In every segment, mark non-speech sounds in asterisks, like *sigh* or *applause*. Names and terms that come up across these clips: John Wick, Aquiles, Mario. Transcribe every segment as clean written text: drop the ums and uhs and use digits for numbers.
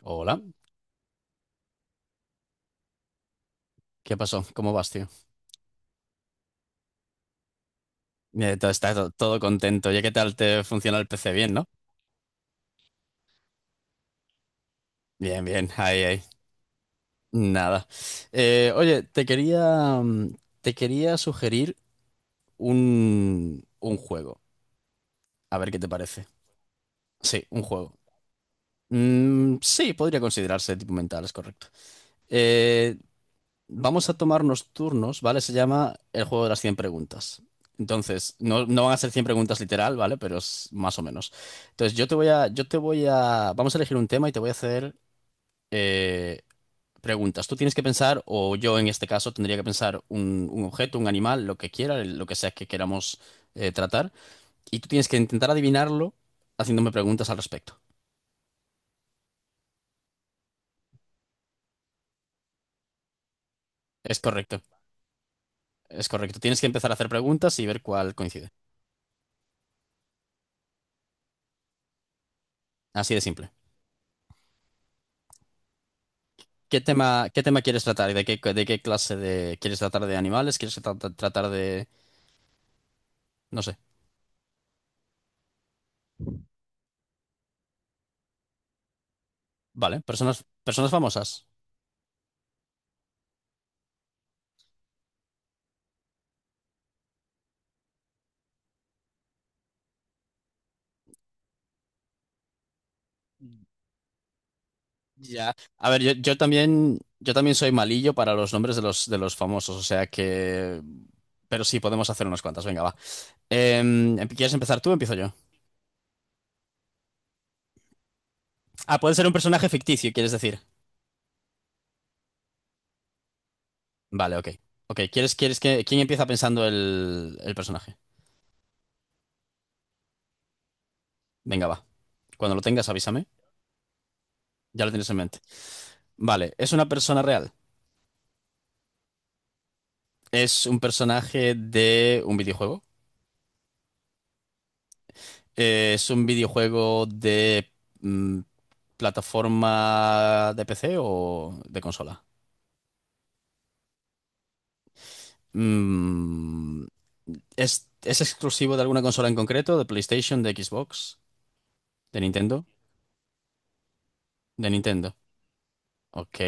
Hola, ¿qué pasó? ¿Cómo vas, tío? Todo, está todo contento. Oye, ¿qué tal te funciona el PC? Bien, ¿no? Bien, bien, ahí, ahí. Nada. Oye, te quería te quería sugerir un juego. A ver qué te parece. Sí, un juego. Sí, podría considerarse tipo mental, es correcto. Eh, Vamos a tomarnos turnos, ¿vale? Se llama el juego de las 100 preguntas. Entonces, no van a ser 100 preguntas literal, ¿vale? Pero es más o menos. Entonces, yo te voy a, vamos a elegir un tema y te voy a hacer eh, preguntas. Tú tienes que pensar, o yo en este caso tendría que pensar un objeto, un animal, lo que quiera, lo que sea que queramos tratar. Y tú tienes que intentar adivinarlo haciéndome preguntas al respecto. Es correcto, es correcto. Tienes que empezar a hacer preguntas y ver cuál coincide. Así de simple. ¿Qué tema quieres tratar? De qué clase de... ¿Quieres tratar de animales? ¿Quieres tratar de... No sé. Vale, personas famosas. Ya. A ver, yo también soy malillo para los nombres de de los famosos, o sea que... Pero sí, podemos hacer unas cuantas, venga, va. ¿Quieres empezar tú o empiezo yo? Ah, puede ser un personaje ficticio, quieres decir. Vale, ok. Ok, ¿quieres que... ¿Quién empieza pensando el personaje? Venga, va. Cuando lo tengas, avísame. Ya lo tienes en mente. Vale, ¿es una persona real? Es un personaje de un videojuego. Es un videojuego de mm, plataforma de PC o de consola. Mm, ¿es exclusivo de alguna consola en concreto? ¿De PlayStation, de Xbox, de Nintendo? De Nintendo. Ok.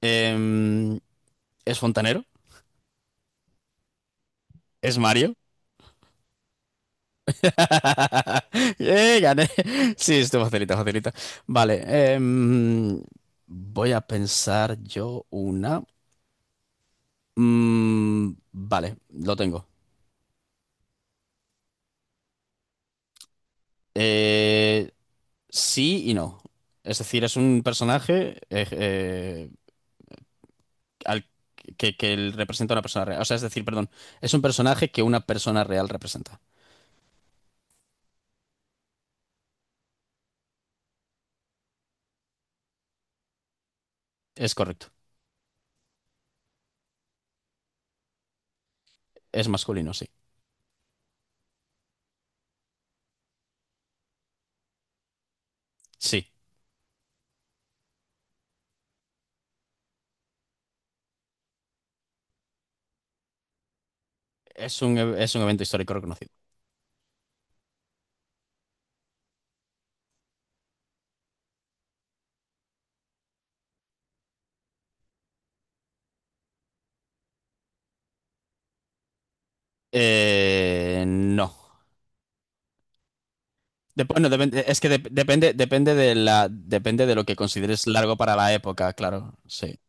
Em, ¿Es fontanero? ¿Es Mario? *laughs* ¡Eh, gané! Sí, esto facilita, facilita. Vale, em, voy a pensar yo una. Vale, lo tengo. Eh, sí y no. Es decir, es un personaje al que él representa a una persona real. O sea, es decir, perdón, es un personaje que una persona real representa. Es correcto. Es masculino, sí. Sí. Es un, es un evento histórico reconocido. No. Bueno, es que depende, depende de la, depende de lo que consideres largo para la época, claro. Sí.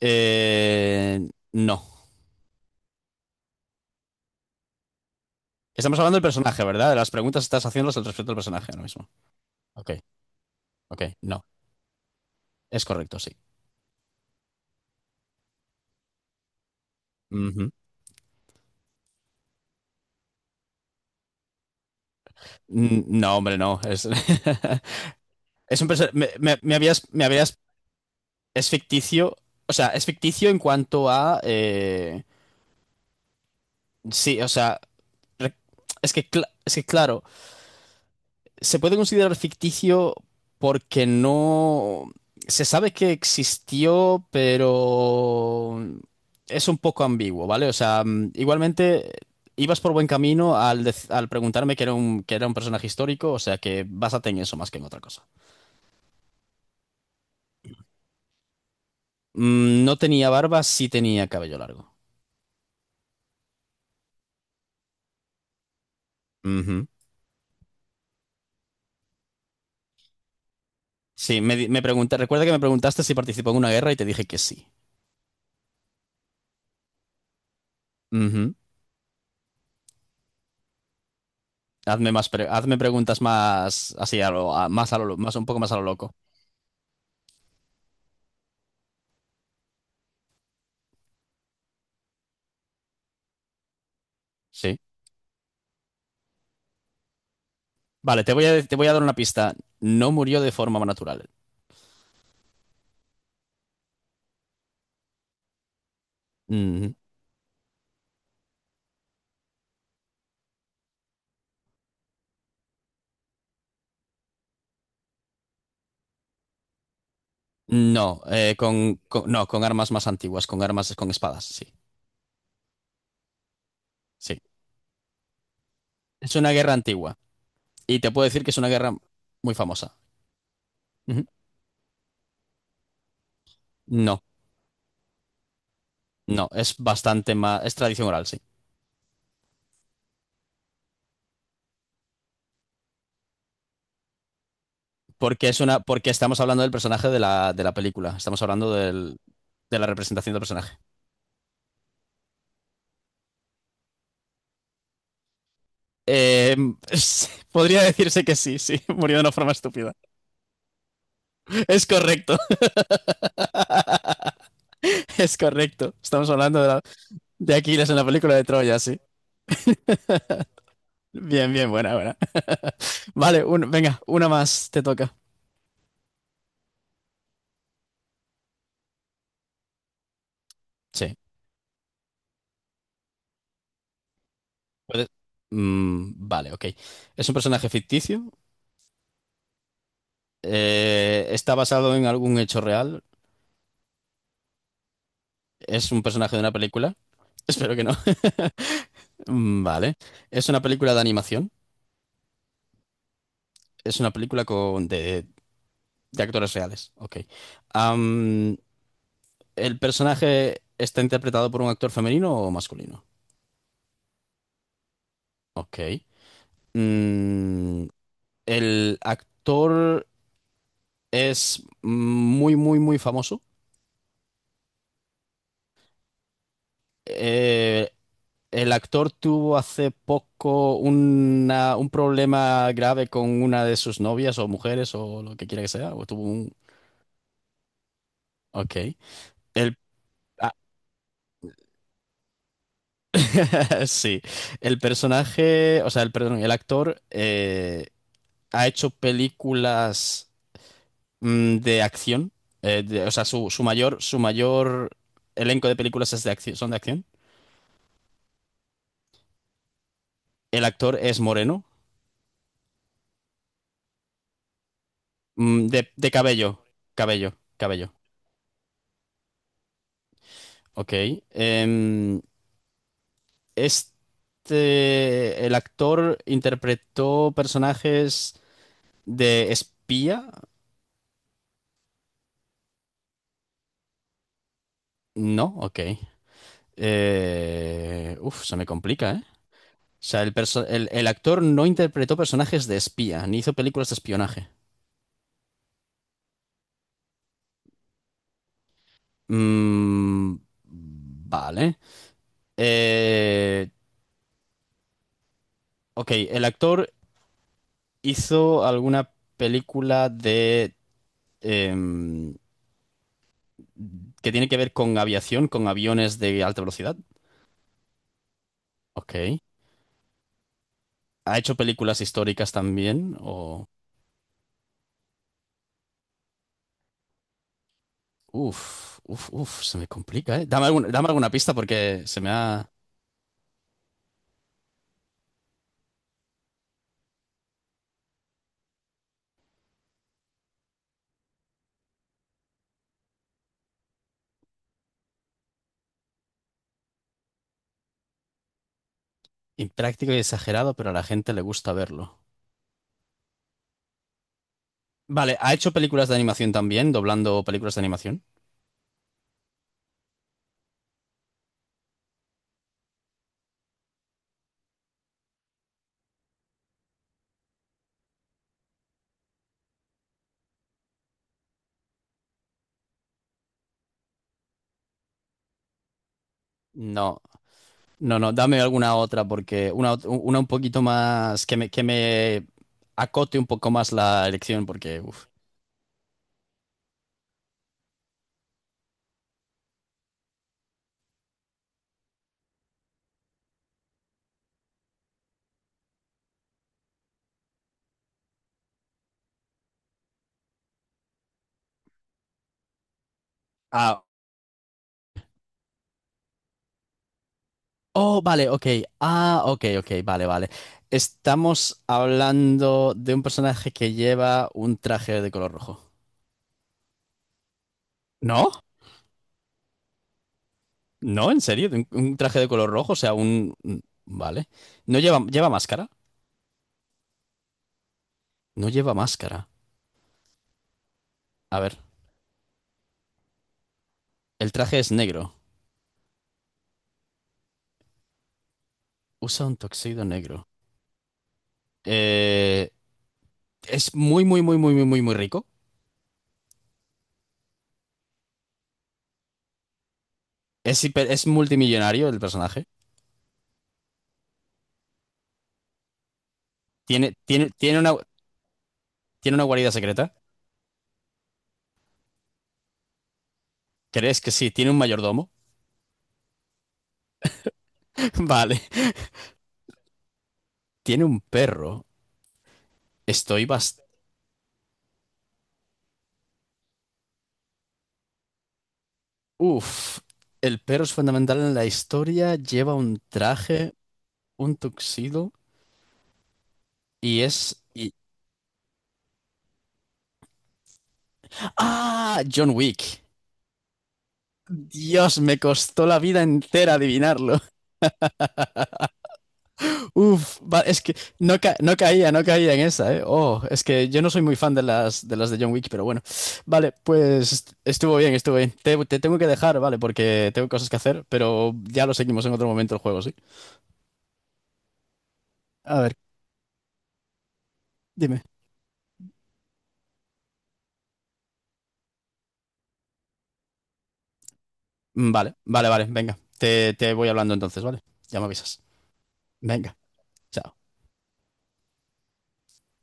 Eh, no. Estamos hablando del personaje, ¿verdad? De las preguntas estás haciéndolas al respecto del personaje ahora mismo. Ok, ok, no. Es correcto, sí. Ujú. No, hombre, no. Es, *laughs* es un me habías, me habías. Es ficticio. O sea, es ficticio en cuanto a. Sí, o sea. re- Es que, es que claro. Se puede considerar ficticio porque no... Se sabe que existió, pero es un poco ambiguo, ¿vale? O sea, igualmente ibas por buen camino al preguntarme que era un personaje histórico, o sea que básate en eso más que en otra cosa. No tenía barba, sí tenía cabello largo. Ujú. Sí, recuerda que me preguntaste si participó en una guerra y te dije que sí. Ujú. Hazme hazme preguntas más así más más un poco más a lo loco. Sí. Vale, te voy a dar una pista. No murió de forma natural. Mm, no, no, con armas más antiguas, con armas, con espadas, sí, sí. Es una guerra antigua. Y te puedo decir que es una guerra muy famosa. Ujú. No, no, es bastante más, es tradición oral, sí. Porque es una, porque estamos hablando del personaje de la película. Estamos hablando del, de la representación del personaje. Eh, *laughs* podría decirse que sí, sí, *laughs* murió de una forma estúpida. Es correcto, *laughs* es correcto. Estamos hablando de la, de Aquiles en la película de Troya, sí. Bien, bien, buena, buena. *laughs* Vale, venga, una más te toca. Sí. puede- vale, ok. Es un personaje ficticio. Está basado en algún hecho real. Es un personaje de una película. *laughs* Espero que no. *laughs* Mm, vale. Es una película de animación. Es una película con de actores reales. Ok. Am, ¿El personaje está interpretado por un actor femenino o masculino? Ok. Mm, el actor es muy, muy, muy famoso. Eh, el actor tuvo hace poco un problema grave con una de sus novias o mujeres o lo que quiera que sea. O tuvo un... Ok. El... ah, *laughs* sí. El personaje, o sea, el, perdón, el actor ha hecho películas de acción. O sea, su mayor elenco de películas es de acción, son de acción. El actor es moreno. De cabello. Ok. Em, el actor interpretó personajes de espía. No, ok. Uf, se me complica, ¿eh? O sea, el actor no interpretó personajes de espía, ni hizo películas de espionaje. Mm, vale. Eh, ok, el actor hizo alguna película de... em, que tiene que ver con aviación, con aviones de alta velocidad. Ok. ¿Ha hecho películas históricas también? O... Uf, uf, uf, se me complica, ¿eh? Dame dame alguna pista porque se me ha impráctico y exagerado, pero a la gente le gusta verlo. Vale, ¿ha hecho películas de animación también, doblando películas de animación? No, no, no, dame alguna otra porque una un poquito más que que me acote un poco más la elección porque, uf. Ah, oh, vale, ok. Ah, ok, ok, vale, vale. Estamos hablando de un personaje que lleva un traje de color rojo. ¿No? ¿No? ¿En serio? ¿Un traje de color rojo? O sea, un- Vale. ¿Lleva máscara? No lleva máscara. A ver, el traje es negro. Usa un tuxedo negro. Eh, es muy, muy, muy, muy, muy, muy, muy rico. Es, es multimillonario el personaje. Tiene, tiene, tiene una, tiene una guarida secreta. ¿Crees que sí? ¿Tiene un mayordomo? *laughs* Vale. Tiene un perro. Estoy bast... Uf. El perro es fundamental en la historia. Lleva un traje, un tuxedo y es... y- ¡Ah! John Wick. Dios, me costó la vida entera adivinarlo. *laughs* Uf, es que no, no caía, no caía en esa, ¿eh? Oh, es que yo no soy muy fan de las de John Wick, pero bueno. Vale, pues estuvo bien, estuvo bien. Te tengo que dejar, vale, porque tengo cosas que hacer, pero ya lo seguimos en otro momento el juego, ¿sí? A ver, dime. Vale, vale, vale, venga. Te voy hablando entonces, ¿vale? Ya me avisas. Venga, chao.